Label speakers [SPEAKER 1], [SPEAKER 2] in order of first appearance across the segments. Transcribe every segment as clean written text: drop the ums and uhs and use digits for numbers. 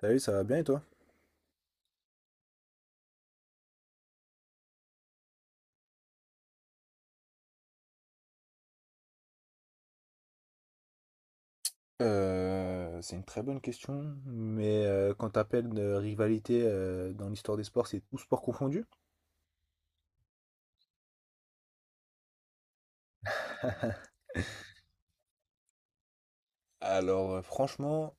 [SPEAKER 1] Salut, ça va bien et toi? C'est une très bonne question, mais quand t'appelles de rivalité dans l'histoire des sports, c'est tout sport confondu? Alors, franchement,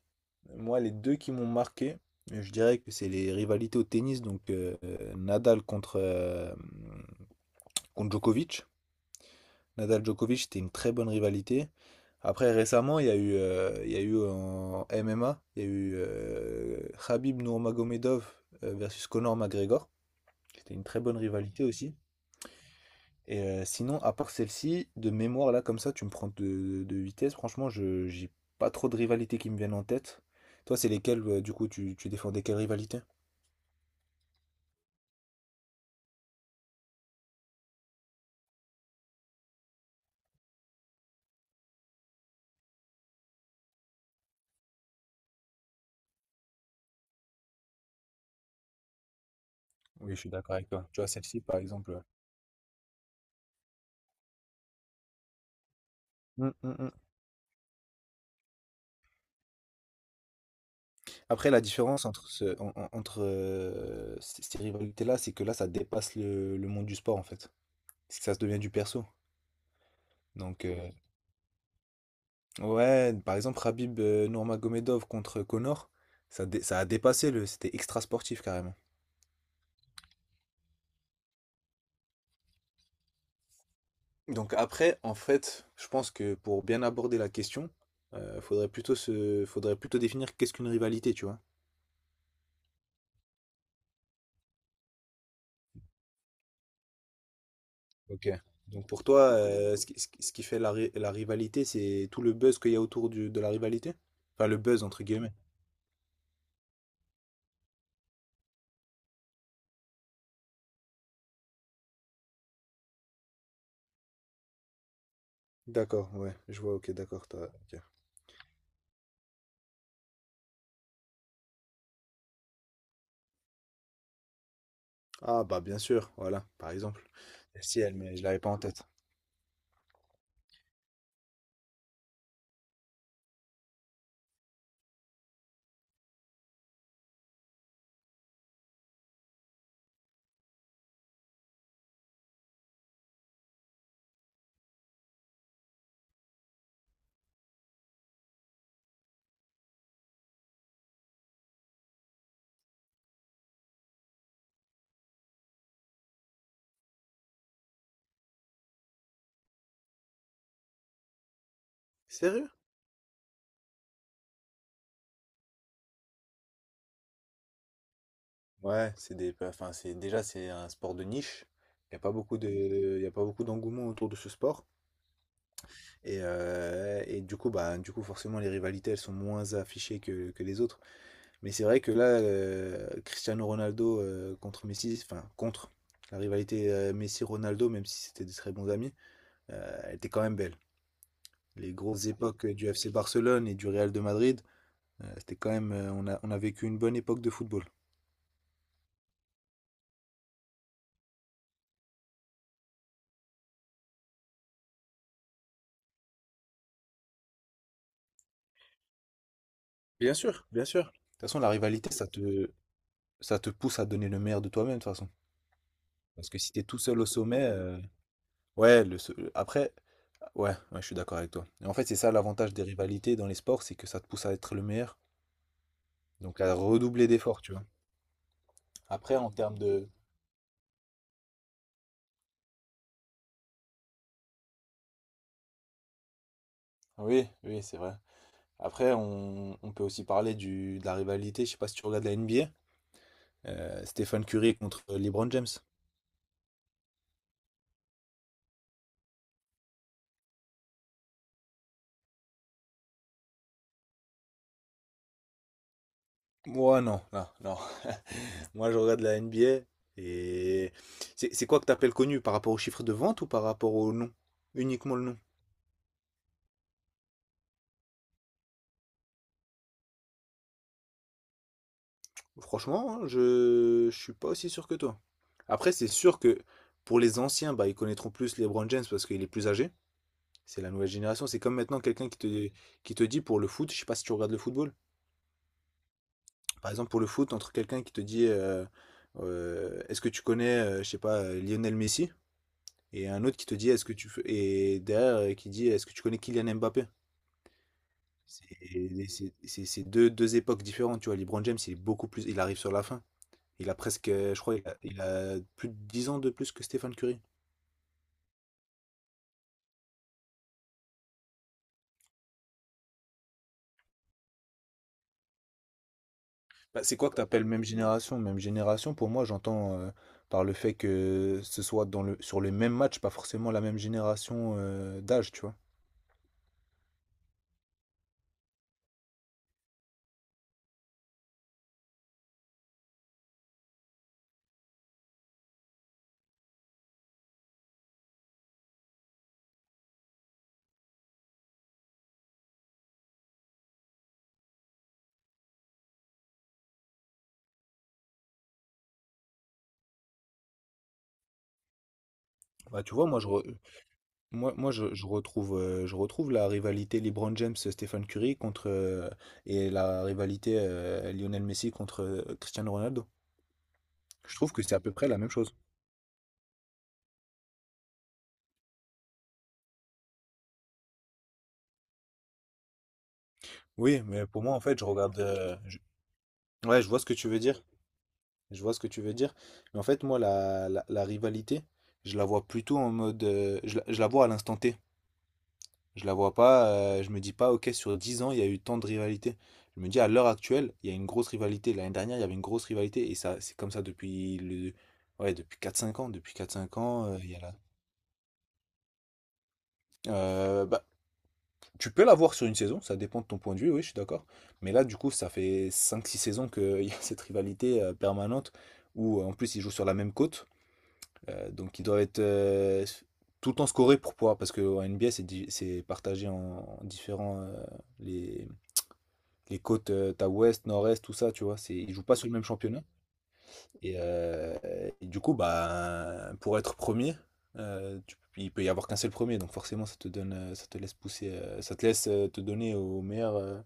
[SPEAKER 1] moi les deux qui m'ont marqué, je dirais que c'est les rivalités au tennis, donc Nadal contre Djokovic. Nadal-Djokovic, c'était une très bonne rivalité. Après récemment, il y a eu en MMA, il y a eu Khabib Nurmagomedov versus Conor McGregor. C'était une très bonne rivalité aussi. Et sinon, à part celle-ci, de mémoire, là, comme ça, tu me prends de vitesse. Franchement, je j'ai pas trop de rivalités qui me viennent en tête. Toi, c'est lesquelles, du coup, tu défendais quelle rivalité? Oui, je suis d'accord avec toi. Tu vois, celle-ci, par exemple. Ouais. Hum, hum, hum. Après, la différence entre, ce, en- en- entre ces rivalités-là, c'est que là, ça dépasse le monde du sport, en fait. C'est que ça se devient du perso. Donc, ouais, par exemple, Khabib Nurmagomedov contre Conor, ça a dépassé. C'était extra sportif, carrément. Donc après, en fait, je pense que pour bien aborder la question, faudrait plutôt faudrait plutôt définir qu'est-ce qu'une rivalité, tu vois. Ok. Donc pour toi, ce qui fait la rivalité, c'est tout le buzz qu'il y a autour de la rivalité? Enfin, le buzz, entre guillemets. D'accord, ouais, je vois, ok, d'accord, ok. Ah bah bien sûr, voilà, par exemple. Le ciel, mais je l'avais pas en tête. Sérieux? Ouais, bah, enfin, c'est un sport de niche. Il y a pas beaucoup d'engouement autour de ce sport. Et du coup, bah, du coup, forcément, les rivalités, elles sont moins affichées que les autres. Mais c'est vrai que là, Cristiano Ronaldo contre Messi, enfin contre la rivalité Messi-Ronaldo, même si c'était des très bons amis, elle était quand même belle. Les grosses époques du FC Barcelone et du Real de Madrid, c'était quand même, on a vécu une bonne époque de football. Bien sûr, bien sûr. De toute façon, la rivalité, ça te pousse à donner le meilleur de toi-même, de toute façon. Parce que si t'es tout seul au sommet, ouais, après, ouais, ouais, je suis d'accord avec toi. Et en fait, c'est ça l'avantage des rivalités dans les sports, c'est que ça te pousse à être le meilleur, donc à redoubler d'efforts, tu vois. Après, en termes de... Oui, oui, c'est vrai. Après, on peut aussi parler de la rivalité. Je sais pas si tu regardes la NBA. Stephen Curry contre LeBron James. Moi, non, non, non. Moi, je regarde la NBA. Et c'est quoi que tu appelles connu? Par rapport au chiffre de vente ou par rapport au nom? Uniquement le nom. Franchement, hein, je suis pas aussi sûr que toi. Après, c'est sûr que pour les anciens, bah, ils connaîtront plus LeBron James parce qu'il est plus âgé. C'est la nouvelle génération. C'est comme maintenant quelqu'un qui te dit pour le foot, je sais pas si tu regardes le football. Par exemple, pour le foot, entre quelqu'un qui te dit est-ce que tu connais, je sais pas, Lionel Messi? Et un autre qui te dit est-ce que et derrière qui dit est-ce que tu connais Kylian Mbappé? C'est deux époques différentes, tu vois. LeBron James, il est beaucoup plus. Il arrive sur la fin. Il a presque, je crois, il a plus de 10 ans de plus que Stephen Curry. Bah, c'est quoi que tu appelles même génération? Même génération, pour moi, j'entends par le fait que ce soit sur les mêmes matchs, pas forcément la même génération d'âge, tu vois. Bah, tu vois, moi, je, re- moi, moi je retrouve la rivalité LeBron James-Stephen Curry et la rivalité Lionel Messi contre Cristiano Ronaldo. Je trouve que c'est à peu près la même chose. Oui, mais pour moi, en fait, je regarde. Ouais, je vois ce que tu veux dire. Je vois ce que tu veux dire. Mais en fait, moi, la rivalité, je la vois plutôt en mode. Je la vois à l'instant T. Je la vois pas. Je me dis pas, ok, sur 10 ans, il y a eu tant de rivalité. Je me dis, à l'heure actuelle, il y a une grosse rivalité. L'année dernière, il y avait une grosse rivalité. Et ça, c'est comme ça depuis le. Ouais, depuis 4 5 ans. Depuis 4 5 ans, il y a la. Bah, tu peux la voir sur une saison, ça dépend de ton point de vue, oui, je suis d'accord. Mais là, du coup, ça fait 5 6 saisons qu'il y a cette rivalité permanente où, en plus, ils jouent sur la même côte. Donc ils doivent être tout le temps scorés pour pouvoir, parce que en NBA c'est partagé en différents les, les côtes, t'as ouest, nord-est, tout ça, tu vois, c'est ils jouent pas sur le même championnat. Et, euh, et du coup, bah pour être premier, il peut y avoir qu'un seul premier, donc forcément ça te donne, ça te laisse pousser, ça te laisse te donner au meilleur, euh,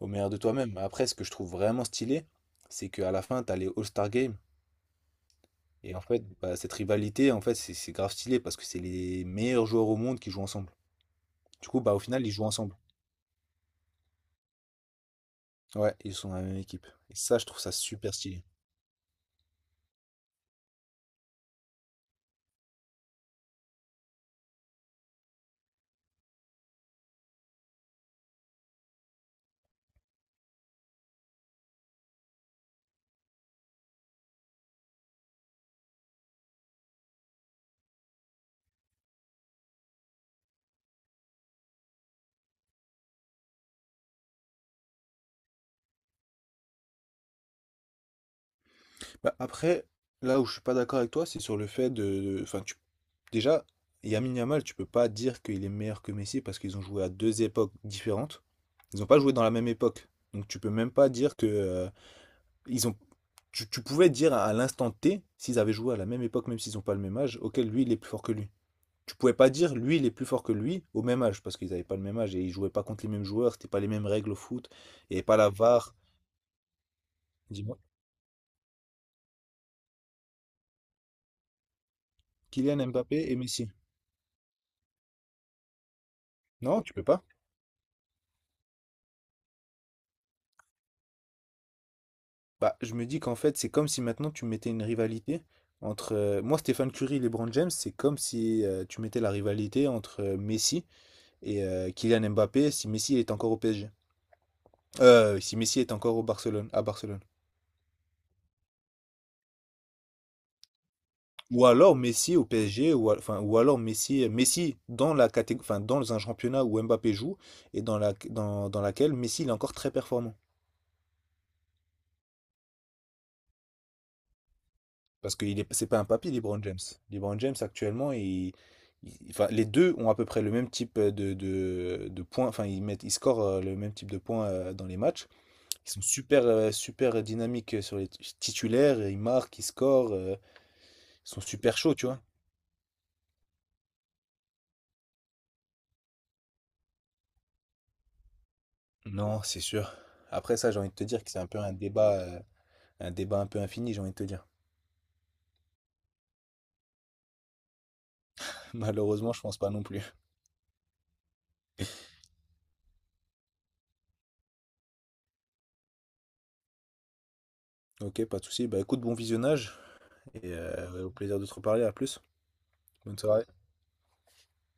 [SPEAKER 1] au meilleur de toi-même. Après, ce que je trouve vraiment stylé, c'est qu'à la fin, t'as les All-Star Games. Et en fait, bah, cette rivalité, en fait, c'est grave stylé parce que c'est les meilleurs joueurs au monde qui jouent ensemble. Du coup, bah, au final, ils jouent ensemble. Ouais, ils sont dans la même équipe. Et ça, je trouve ça super stylé. Bah, après, là où je suis pas d'accord avec toi, c'est sur le fait. Enfin, déjà, Lamine Yamal, tu peux pas dire qu'il est meilleur que Messi parce qu'ils ont joué à deux époques différentes. Ils ont pas joué dans la même époque. Donc, tu peux même pas dire que. Ils ont... tu pouvais Dire à l'instant T, s'ils avaient joué à la même époque, même s'ils ont pas le même âge, auquel lui, il est plus fort que lui. Tu pouvais pas dire, lui, il est plus fort que lui, au même âge, parce qu'ils n'avaient pas le même âge et ils jouaient pas contre les mêmes joueurs, c'était pas les mêmes règles au foot, il n'y avait pas la VAR. Dis-moi, Kylian Mbappé et Messi. Non, tu peux pas. Bah, je me dis qu'en fait, c'est comme si maintenant tu mettais une rivalité entre. Moi, Stéphane Curie et LeBron James, c'est comme si tu mettais la rivalité entre Messi et Kylian Mbappé si Messi est encore au PSG. Si Messi est encore au Barcelone, à Barcelone. Ou alors Messi au PSG, enfin, ou alors Messi dans enfin, dans un championnat où Mbappé joue et dans laquelle Messi il est encore très performant. Parce que c'est pas un papy, LeBron James. LeBron James actuellement, enfin, les deux ont à peu près le même type de points, enfin ils scorent le même type de points dans les matchs. Ils sont super dynamiques sur les titulaires, ils marquent, ils scorent, ils sont super chauds, tu vois. Non, c'est sûr. Après ça, j'ai envie de te dire que c'est un peu un débat, un débat un peu infini, j'ai envie de te dire. Malheureusement, je pense pas non plus. Ok, pas de souci. Bah écoute, bon visionnage et au plaisir de te reparler. À plus. Bonne soirée.